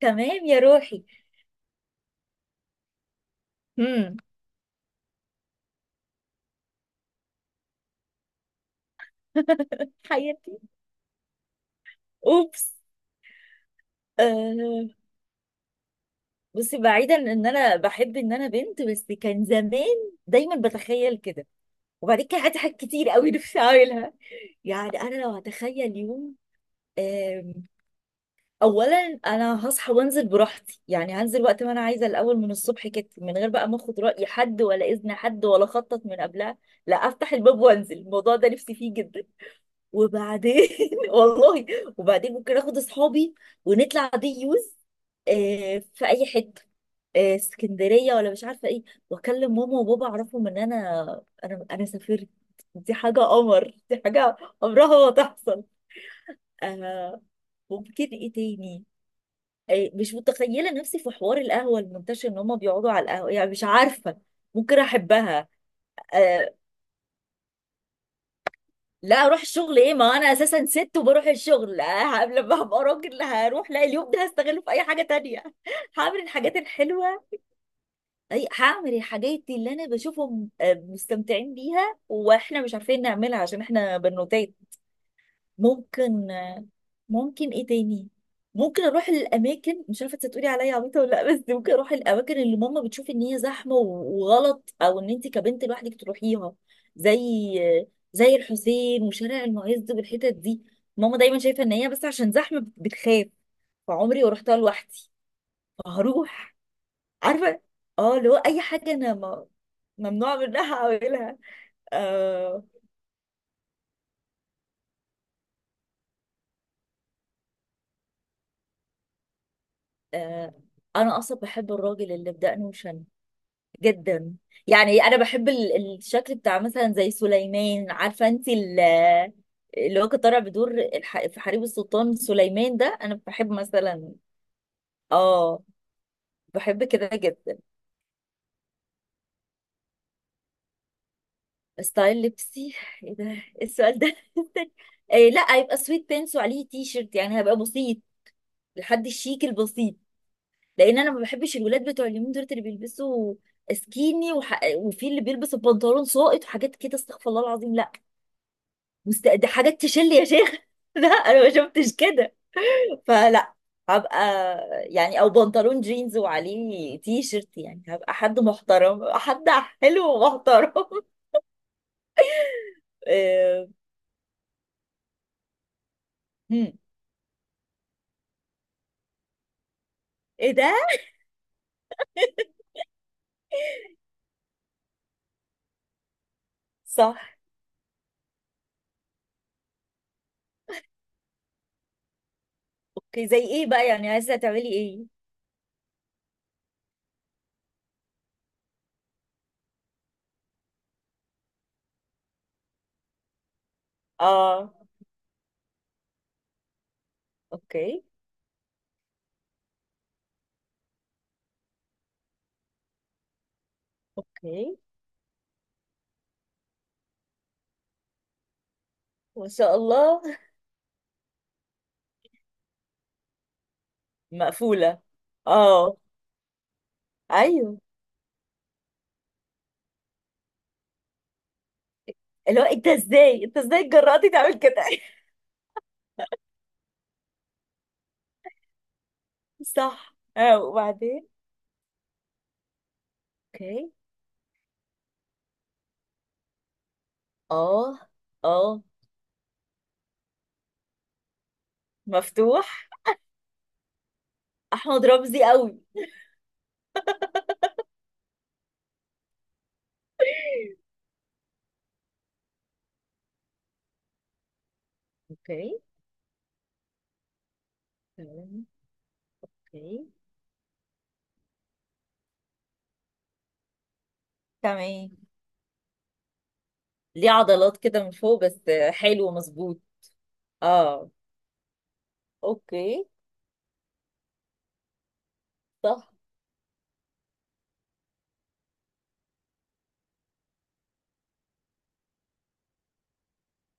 تمام يا روحي. امم. حياتي. اوبس. آه. بصي، بعيدا ان انا بحب ان انا بنت، بس كان زمان دايما بتخيل كده. وبعدين كان عندي حاجات كتير قوي نفسي اعملها. يعني انا لو هتخيل يوم، آم، اولا انا هصحى وانزل براحتي، يعني هنزل وقت ما انا عايزه الاول من الصبح كده، من غير بقى ما اخد راي حد ولا اذن حد ولا اخطط من قبلها. لا، افتح الباب وانزل. الموضوع ده نفسي فيه جدا. وبعدين والله. وبعدين ممكن اخد اصحابي ونطلع دي يوز، في اي حته، اسكندريه ولا مش عارفه ايه. واكلم ماما وبابا اعرفهم ان انا انا سافرت. دي حاجه قمر، دي حاجه عمرها ما تحصل. آه، ممكن ايه تاني. مش متخيله نفسي في حوار القهوه المنتشر ان هم بيقعدوا على القهوه، يعني مش عارفه ممكن احبها. آه، لا اروح الشغل ايه، ما انا اساسا ست وبروح الشغل، لما هبقى راجل هروح، لا اليوم ده هستغله في اي حاجه تانية. هعمل الحاجات الحلوه. اي هعمل الحاجات اللي انا بشوفهم مستمتعين بيها واحنا مش عارفين نعملها عشان احنا بنوتات. ممكن. ممكن ايه تاني. ممكن اروح للاماكن، مش عارفه انت تقولي عليا عبيطه ولا لا، بس ممكن اروح الاماكن اللي ماما بتشوف ان هي زحمه وغلط، او ان انت كبنت لوحدك تروحيها. زي، زي الحسين وشارع المعز والحتت دي. ماما دايما شايفه ان هي بس عشان زحمه بتخاف، فعمري ما رحتها لوحدي. فهروح. عارفه، اه اللي هو اي حاجه انا ما ممنوع منها اعملها. آه. آه. انا اصلا بحب الراجل اللي بدقنه وشنه جدا. يعني انا بحب الشكل بتاع مثلا زي سليمان، عارفه انت اللي هو كان طالع بدور في حريم السلطان سليمان ده، انا بحب مثلا. اه، بحب كده جدا. ستايل لبسي؟ ايه ده، إيه السؤال ده؟ إيه، لا هيبقى سويت بانس وعليه تي شيرت، يعني هبقى بسيط، لحد الشيك البسيط. لان انا ما بحبش الولاد بتوع اليومين دول اللي بيلبسوا سكيني وفي اللي بيلبس البنطلون ساقط وحاجات كده، استغفر الله العظيم، لا. دي حاجات تشل يا شيخ. لا انا ما شفتش كده. فلا. هبقى يعني، او بنطلون جينز وعليه تي شيرت، يعني هبقى حد محترم، حد حلو ومحترم. آه. هم. ايه ده. صح. اوكي، زي ايه بقى؟ يعني عايزه تعملي ايه؟ اه. اوكي. اوكي. ما شاء الله. مقفوله. اه. ايوه. اللي هو انت ازاي؟ انت ازاي جرأتي تعمل كده؟ صح، اه. وبعدين. اوكي. اه. اه. مفتوح. احمد رمزي قوي. اوكي. تمام. اوكي. تمام. ليه عضلات كده من فوق بس؟ حلو مظبوط. اه. اوكي. صح.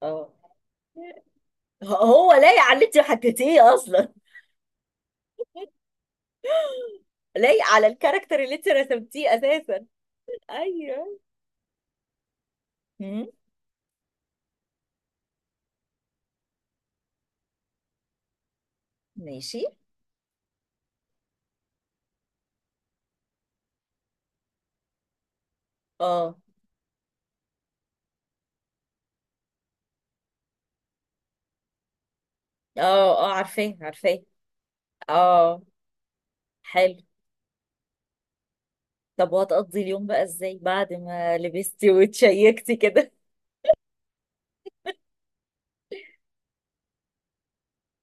اه. هو لايق على اللي انت حكيتيه اصلا. لايق على الكاركتر اللي انت رسمتيه اساسا. ايوه. مم. ماشي. اه. اه. اه عارفاه، عارفاه. اه. حلو. طب، وهتقضي اليوم بقى ازاي بعد ما لبستي وتشيكتي كده؟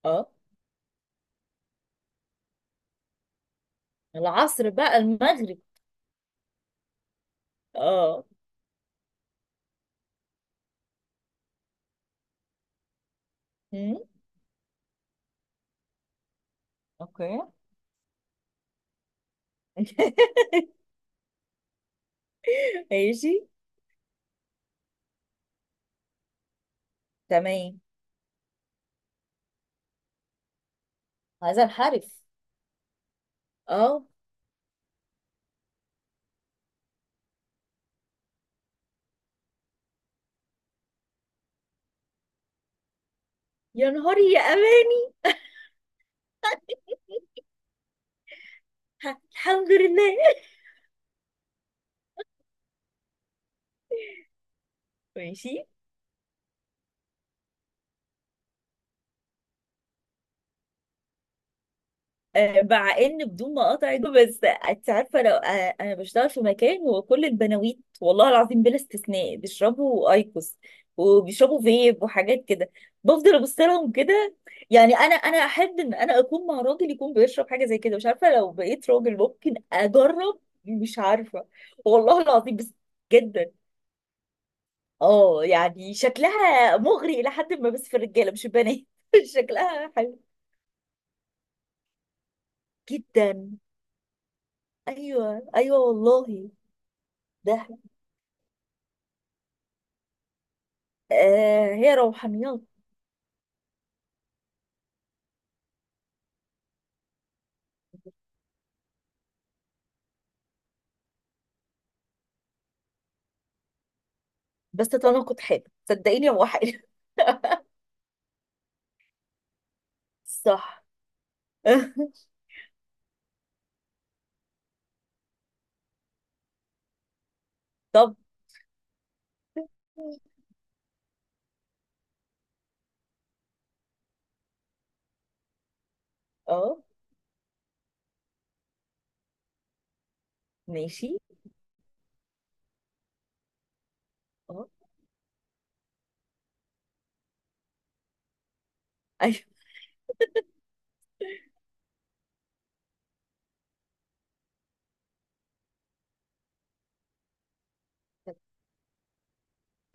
اه. العصر بقى، المغرب. اه. مم. اوكي. ماشي. تمام. هذا الحرف. اه. يا نهاري، يا اماني. الحمد لله. ماشي. مع ان بدون ما اقاطعك، بس انت عارفه لو انا بشتغل في مكان وكل البناويت والله العظيم بلا استثناء بيشربوا ايكوس وبيشربوا فيب وحاجات كده، بفضل ابص لهم كده. يعني انا احب ان انا اكون مع راجل يكون بيشرب حاجه زي كده، مش عارفه، لو بقيت راجل ممكن اجرب. مش عارفه، والله العظيم. بس جدا. اه يعني شكلها مغري الى حد ما، بس في الرجاله مش البنات. شكلها حلو جدا. ايوه ايوه والله. ده آه هي روحانيات. بس تتناقض حاجة، صدقيني هو حاجة. صح. طب. اه. ماشي. اه. ايوه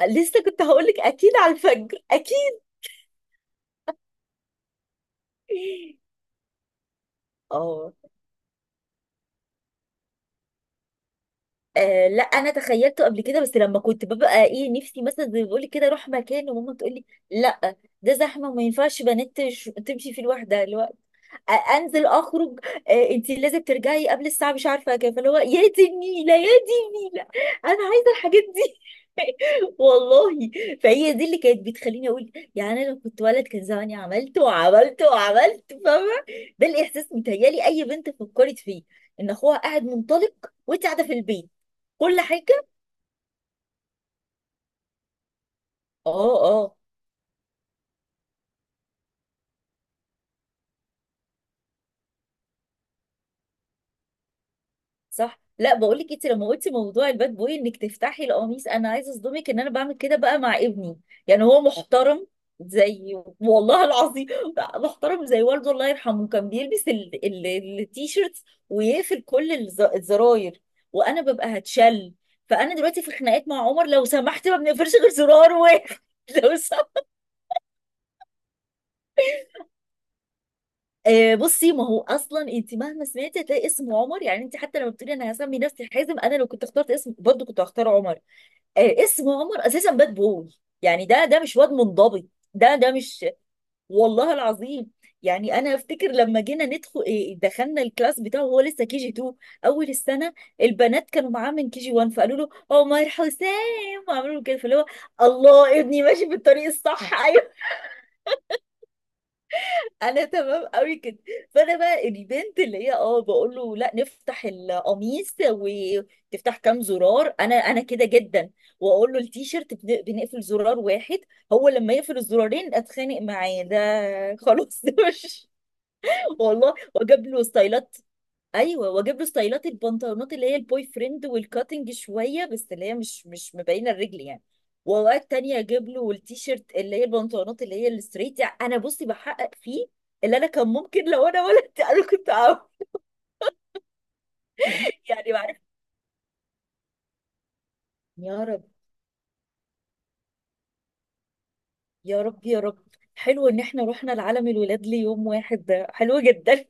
لسه كنت هقولك اكيد على الفجر، اكيد. اه. لا انا تخيلته قبل كده، بس لما كنت ببقى ايه نفسي، مثلا زي ما بقولك كده اروح مكان وماما تقولي لا، ده زحمه وما ينفعش بنات تمشي فيه لوحدها. اللي هو انزل اخرج. انت لازم ترجعي قبل الساعه مش عارفه كام، فاللي هو يا دي النيله، يا دي النيله. انا عايزه الحاجات، والله. فهي دي اللي كانت بتخليني اقول يعني انا لو كنت ولد كان زماني عملت وعملت وعملت، فاهمه؟ ده الاحساس متهيالي اي بنت فكرت فيه ان اخوها قاعد منطلق وانت قاعده في البيت. كل حاجه. اه اه. صح. لا بقول لك، انت لما قلتي موضوع الباد بوي انك تفتحي القميص، انا عايزه اصدمك ان انا بعمل كده بقى مع ابني. يعني هو محترم زي، والله العظيم، محترم زي والده الله يرحمه. كان بيلبس التيشيرتس ويقفل كل الزراير وانا ببقى هتشل. فانا دلوقتي في خناقات مع عمر لو سمحت، ما بنقفلش غير زرار واحد. لو سمحت. بصي، ما هو اصلا انت مهما سمعتي هتلاقي اسم عمر. يعني انت حتى لما بتقولي انا هسمي نفسي حازم، انا لو كنت اخترت اسم برضه كنت هختار عمر. اسم عمر اساسا باد بوي، يعني ده مش واد منضبط. ده مش، والله العظيم. يعني انا افتكر لما جينا ندخل دخلنا الكلاس بتاعه وهو لسه كي جي 2 اول السنه. البنات كانوا معاه من كي جي 1، فقالوا له عمر حسام وعملوا له كده، فاللي هو الله، ابني ماشي في الطريق الصح. انا تمام قوي كده. فانا بقى البنت اللي هي بقول له لا نفتح القميص وتفتح كام زرار، انا كده جدا. واقول له التيشيرت بنقفل زرار واحد، هو لما يقفل الزرارين اتخانق معاه. ده خلاص، ده مش، والله. واجيب له ستايلات. ايوه، واجيب له ستايلات البنطلونات اللي هي البوي فريند والكاتنج شويه، بس اللي هي مش مبينه الرجل يعني. واوقات تانية اجيب له التيشيرت اللي هي البنطلونات اللي هي الستريت، يعني انا بصي بحقق فيه اللي انا كان ممكن لو انا ولدت انا كنت اعمل. يعني بعرف. يا رب. يا رب يا رب. حلو ان احنا رحنا لعالم الولاد ليوم واحد، ده حلو جدا.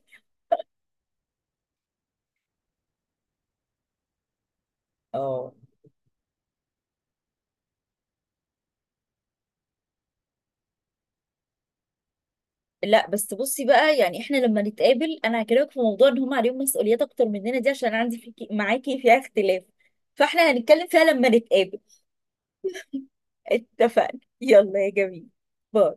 اه. لا بس بصي بقى، يعني احنا لما نتقابل انا هكلمك في موضوع ان هم عليهم مسؤوليات اكتر مننا دي، عشان عندي فيكي معاكي فيها اختلاف، فاحنا هنتكلم فيها لما نتقابل. اتفقنا، يلا يا جميل. باي.